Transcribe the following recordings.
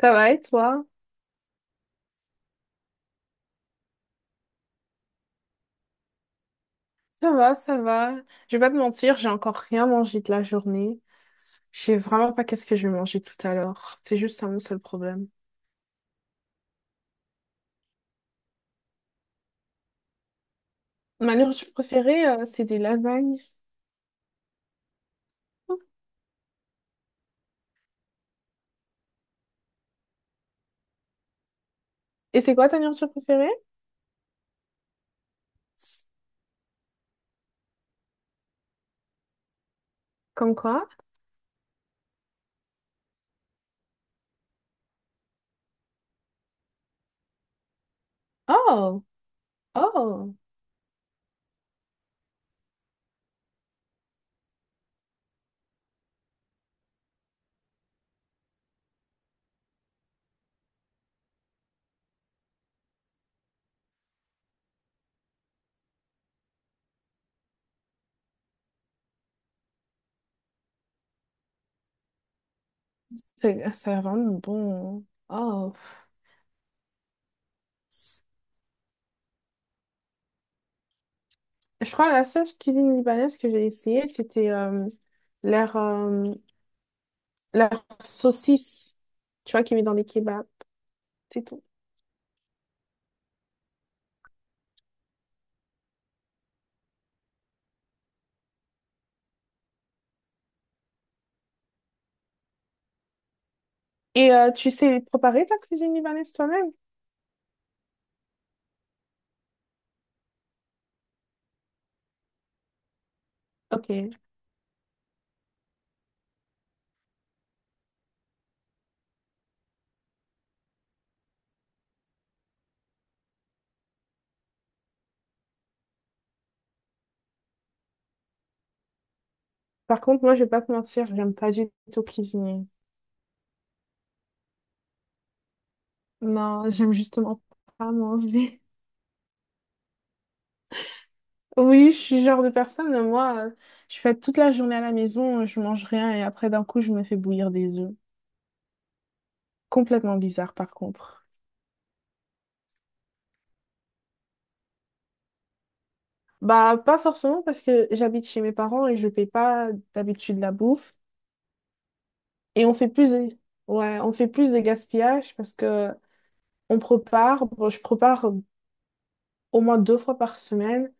Ça va et toi? Ça va, ça va. Je vais pas te mentir, j'ai encore rien mangé de la journée. Je sais vraiment pas qu'est-ce que je vais manger tout à l'heure. C'est juste ça mon seul problème. Ma nourriture préférée, c'est des lasagnes. Et c'est quoi ta nourriture préférée? Comme quoi? Oh, oh, c'est ça a l'air vraiment bon. Hein. Oh, je crois que la seule cuisine libanaise que j'ai essayée, c'était leur, euh, leur saucisse, tu vois, qu'ils mettent dans des kebabs, c'est tout. Et tu sais préparer ta cuisine libanaise toi-même? Ok. Par contre, moi, je vais pas te mentir, j'aime pas du tout cuisiner. Non, j'aime justement pas manger. Oui, je suis le genre de personne, je fais toute la journée à la maison, je mange rien et après, d'un coup, je me fais bouillir des œufs. Complètement bizarre, par contre. Bah, pas forcément parce que j'habite chez mes parents et je paye pas d'habitude la bouffe. Et on fait plus de... ouais, on fait plus de gaspillage parce que je prépare au moins deux fois par semaine,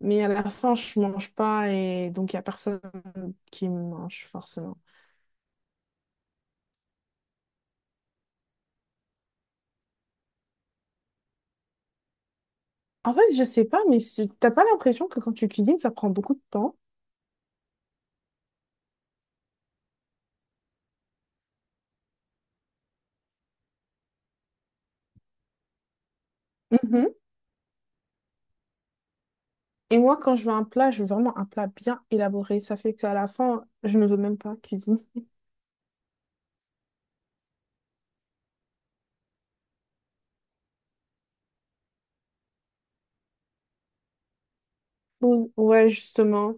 mais à la fin, je mange pas et donc il y a personne qui me mange forcément. En fait, je sais pas, mais t'as pas l'impression que quand tu cuisines, ça prend beaucoup de temps? Mhm. Et moi, quand je veux un plat, je veux vraiment un plat bien élaboré. Ça fait qu'à la fin, je ne veux même pas cuisiner. Bon, ouais, justement.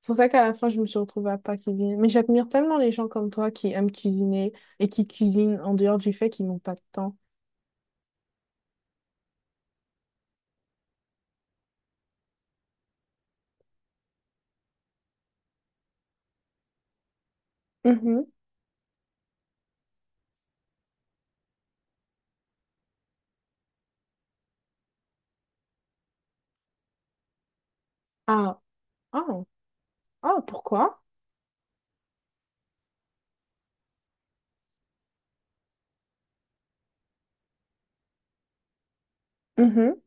C'est pour ça qu'à la fin, je me suis retrouvée à pas cuisiner. Mais j'admire tellement les gens comme toi qui aiment cuisiner et qui cuisinent en dehors du fait qu'ils n'ont pas de temps. Mhm. Ah, ah, ah, pourquoi? Mhm.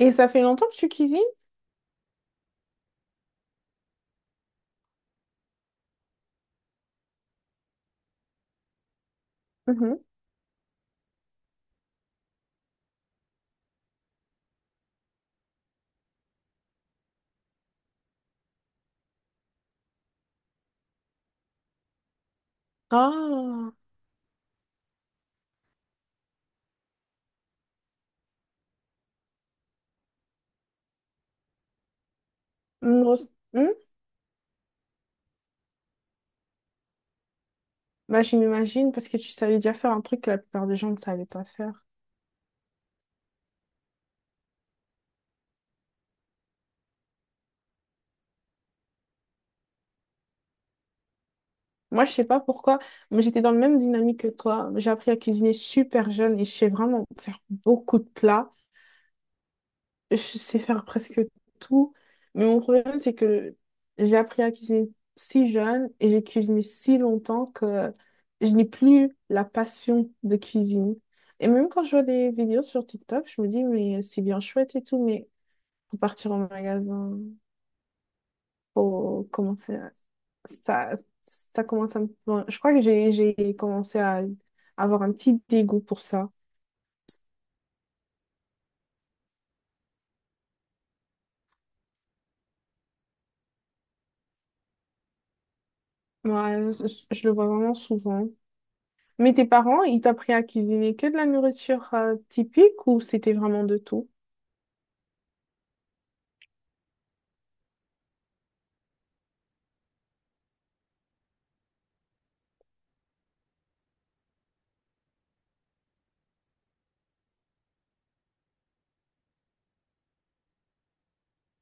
Et ça fait longtemps que tu cuisines? Mhm. Ah, une grosse- Hmm. Bah, je m'imagine parce que tu savais déjà faire un truc que la plupart des gens ne savaient pas faire. Moi, je sais pas pourquoi, mais j'étais dans la même dynamique que toi. J'ai appris à cuisiner super jeune et je sais vraiment faire beaucoup de plats. Je sais faire presque tout. Mais mon problème, c'est que j'ai appris à cuisiner si jeune et j'ai cuisiné si longtemps que je n'ai plus la passion de cuisine. Et même quand je vois des vidéos sur TikTok, je me dis, mais c'est bien chouette et tout, mais faut partir en magasin. faut commencer à- ça ça commence à me... Bon, je crois que j'ai commencé à avoir un petit dégoût pour ça. Ouais, je le vois vraiment souvent, mais tes parents ils t'apprennent à cuisiner que de la nourriture typique ou c'était vraiment de tout?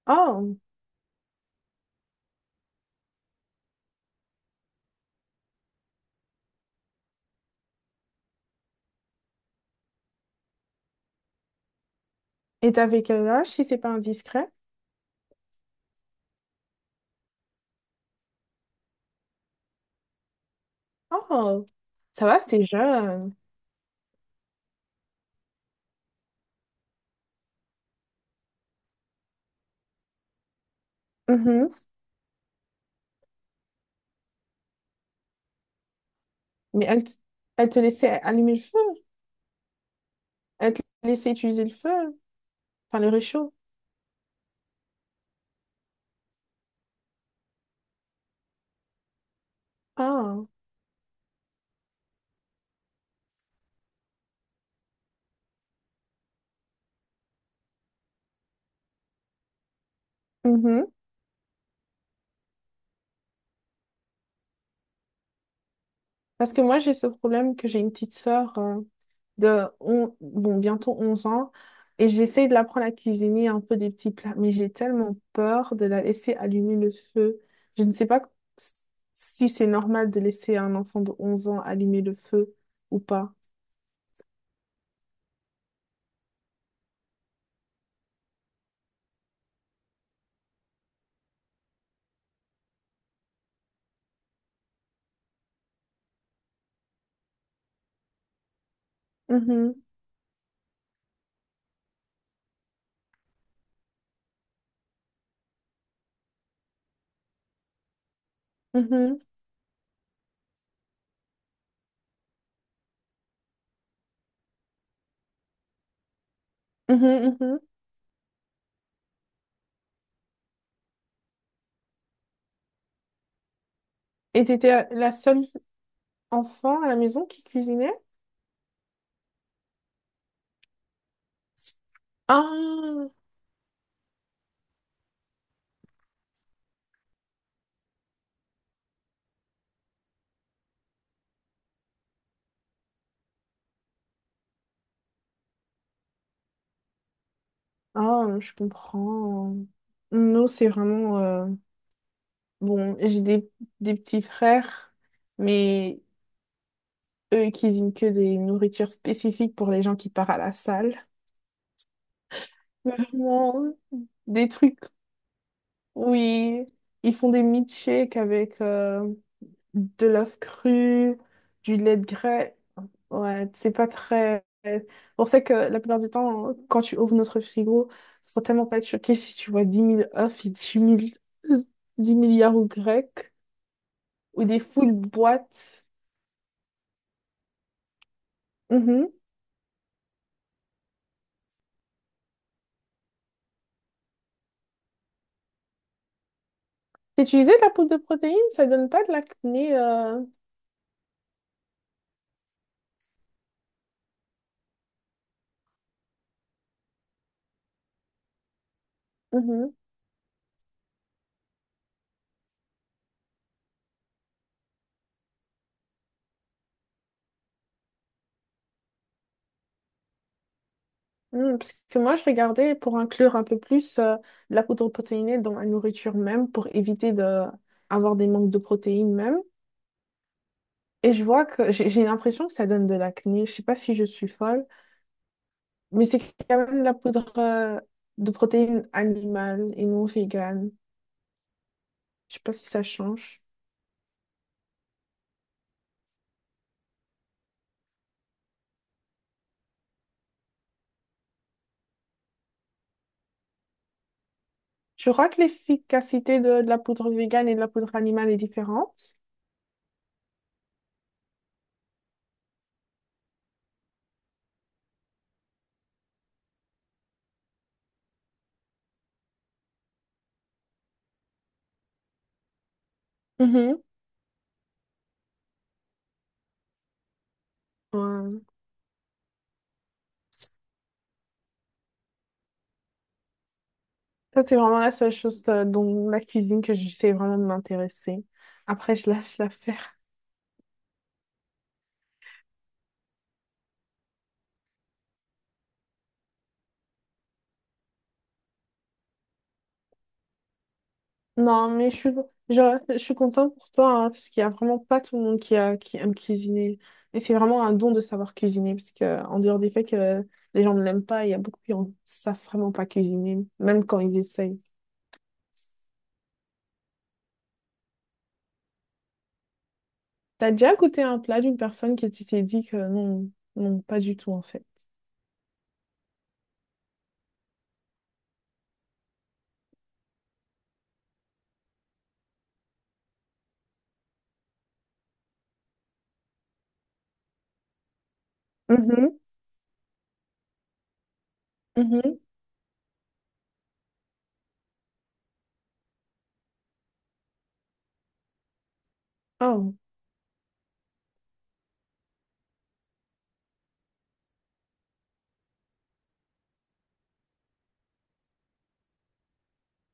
Oh, et t'avais quel âge, si c'est pas indiscret? Oh, ça va, c'était jeune. Mhm. Mais elle te laissait allumer le feu? Elle te laissait utiliser le feu, enfin le réchaud? Ah. Mhm. Parce que moi, j'ai ce problème que j'ai une petite sœur de bientôt 11 ans et j'essaye de l'apprendre à cuisiner un peu des petits plats, mais j'ai tellement peur de la laisser allumer le feu. Je ne sais pas si c'est normal de laisser un enfant de 11 ans allumer le feu ou pas. Mhm, mhm, mhm. Et t'étais la seule enfant à la maison qui cuisinait? Ah. Ah, je comprends. Nous, c'est vraiment... Bon, j'ai des, des petits frères, mais eux, ils cuisinent que des nourritures spécifiques pour les gens qui partent à la salle. Vraiment, des trucs, oui, ils font des milkshakes avec de l'œuf cru, du lait de grès. Ouais, c'est pas très... On sait que la plupart du temps, quand tu ouvres notre frigo, faut tellement pas être choqué si tu vois 10 000 œufs et 10 milliards ou grecs, ou des full boîtes. Mhm. Utiliser de la poudre de protéines, ça donne pas de l'acné. Mhm. Mm, parce que moi, je regardais pour inclure un peu plus de la poudre protéinée dans la nourriture même, pour éviter de avoir des manques de protéines même. Et je vois que j'ai l'impression que ça donne de l'acné. Je sais pas si je suis folle, mais c'est quand même de la poudre de protéines animales et non végane. Je sais pas si ça change. Je crois que l'efficacité de la poudre végane et de la poudre animale est différente. Mhm. Ouais. Ça, c'est vraiment la seule chose dont la cuisine que j'essaie vraiment de m'intéresser. Après, je lâche l'affaire. Non, mais je suis contente pour toi, hein, parce qu'il n'y a vraiment pas tout le monde qui aime cuisiner. Et c'est vraiment un don de savoir cuisiner, parce que, en dehors des faits que les gens ne l'aiment pas, il y a beaucoup qui ne savent vraiment pas cuisiner, même quand ils essayent. T'as déjà goûté un plat d'une personne qui tu t'es dit que non, non, pas du tout, en fait? Mhm, mhm. Oh.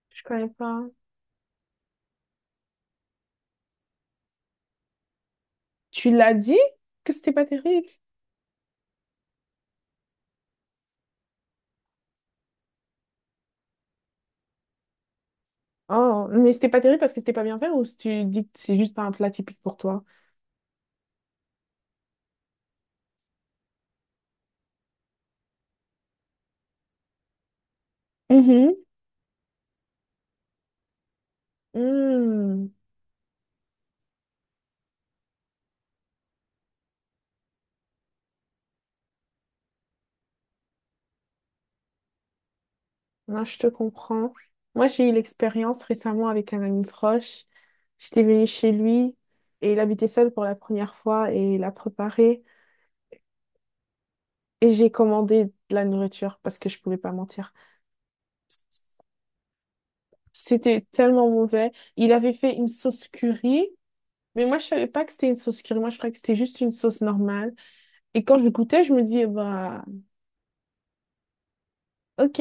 Je connais pas. Tu l'as dit que c'était pas terrible. Oh, mais c'était pas terrible parce que c'était pas bien fait, ou si tu dis que c'est juste pas un plat typique pour toi? Mhm. Hmm, moi, je te comprends. Moi, j'ai eu l'expérience récemment avec un ami proche. J'étais venue chez lui et il habitait seul pour la première fois et il a préparé et j'ai commandé de la nourriture parce que je pouvais pas mentir. C'était tellement mauvais. Il avait fait une sauce curry, mais moi, je savais pas que c'était une sauce curry. Moi, je croyais que c'était juste une sauce normale. Et quand je l'écoutais, je me dis, bah, ok,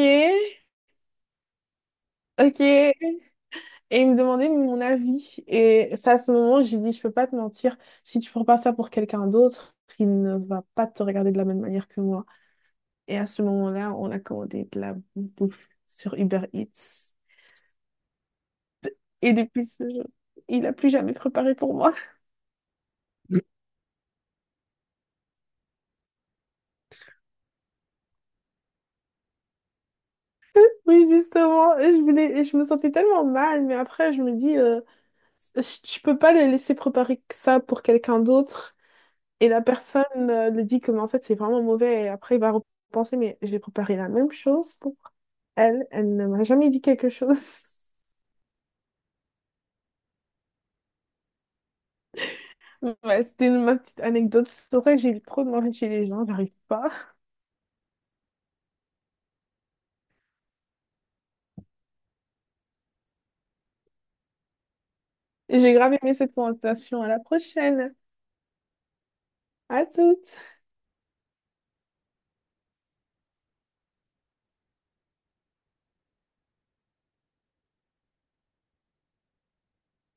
ok. Et il me demandait mon avis. Et c'est à ce moment, j'ai dit, je peux pas te mentir. Si tu prends pas ça pour quelqu'un d'autre, il ne va pas te regarder de la même manière que moi. Et à ce moment-là, on a commandé de la bouffe sur Uber Eats. Et depuis ce jour, il a plus jamais préparé pour moi. Oui, justement, et je voulais, et je me sentais tellement mal, mais après, je me dis, je peux pas le laisser préparer que ça pour quelqu'un d'autre. Et la personne lui dit que mais en fait c'est vraiment mauvais et après il va repenser mais j'ai préparé la même chose pour elle, elle ne m'a jamais dit quelque chose. Ouais, ma petite anecdote. C'est vrai que j'ai eu trop de manger chez les gens, j'arrive pas. J'ai grave aimé cette conversation. À la prochaine. À toutes.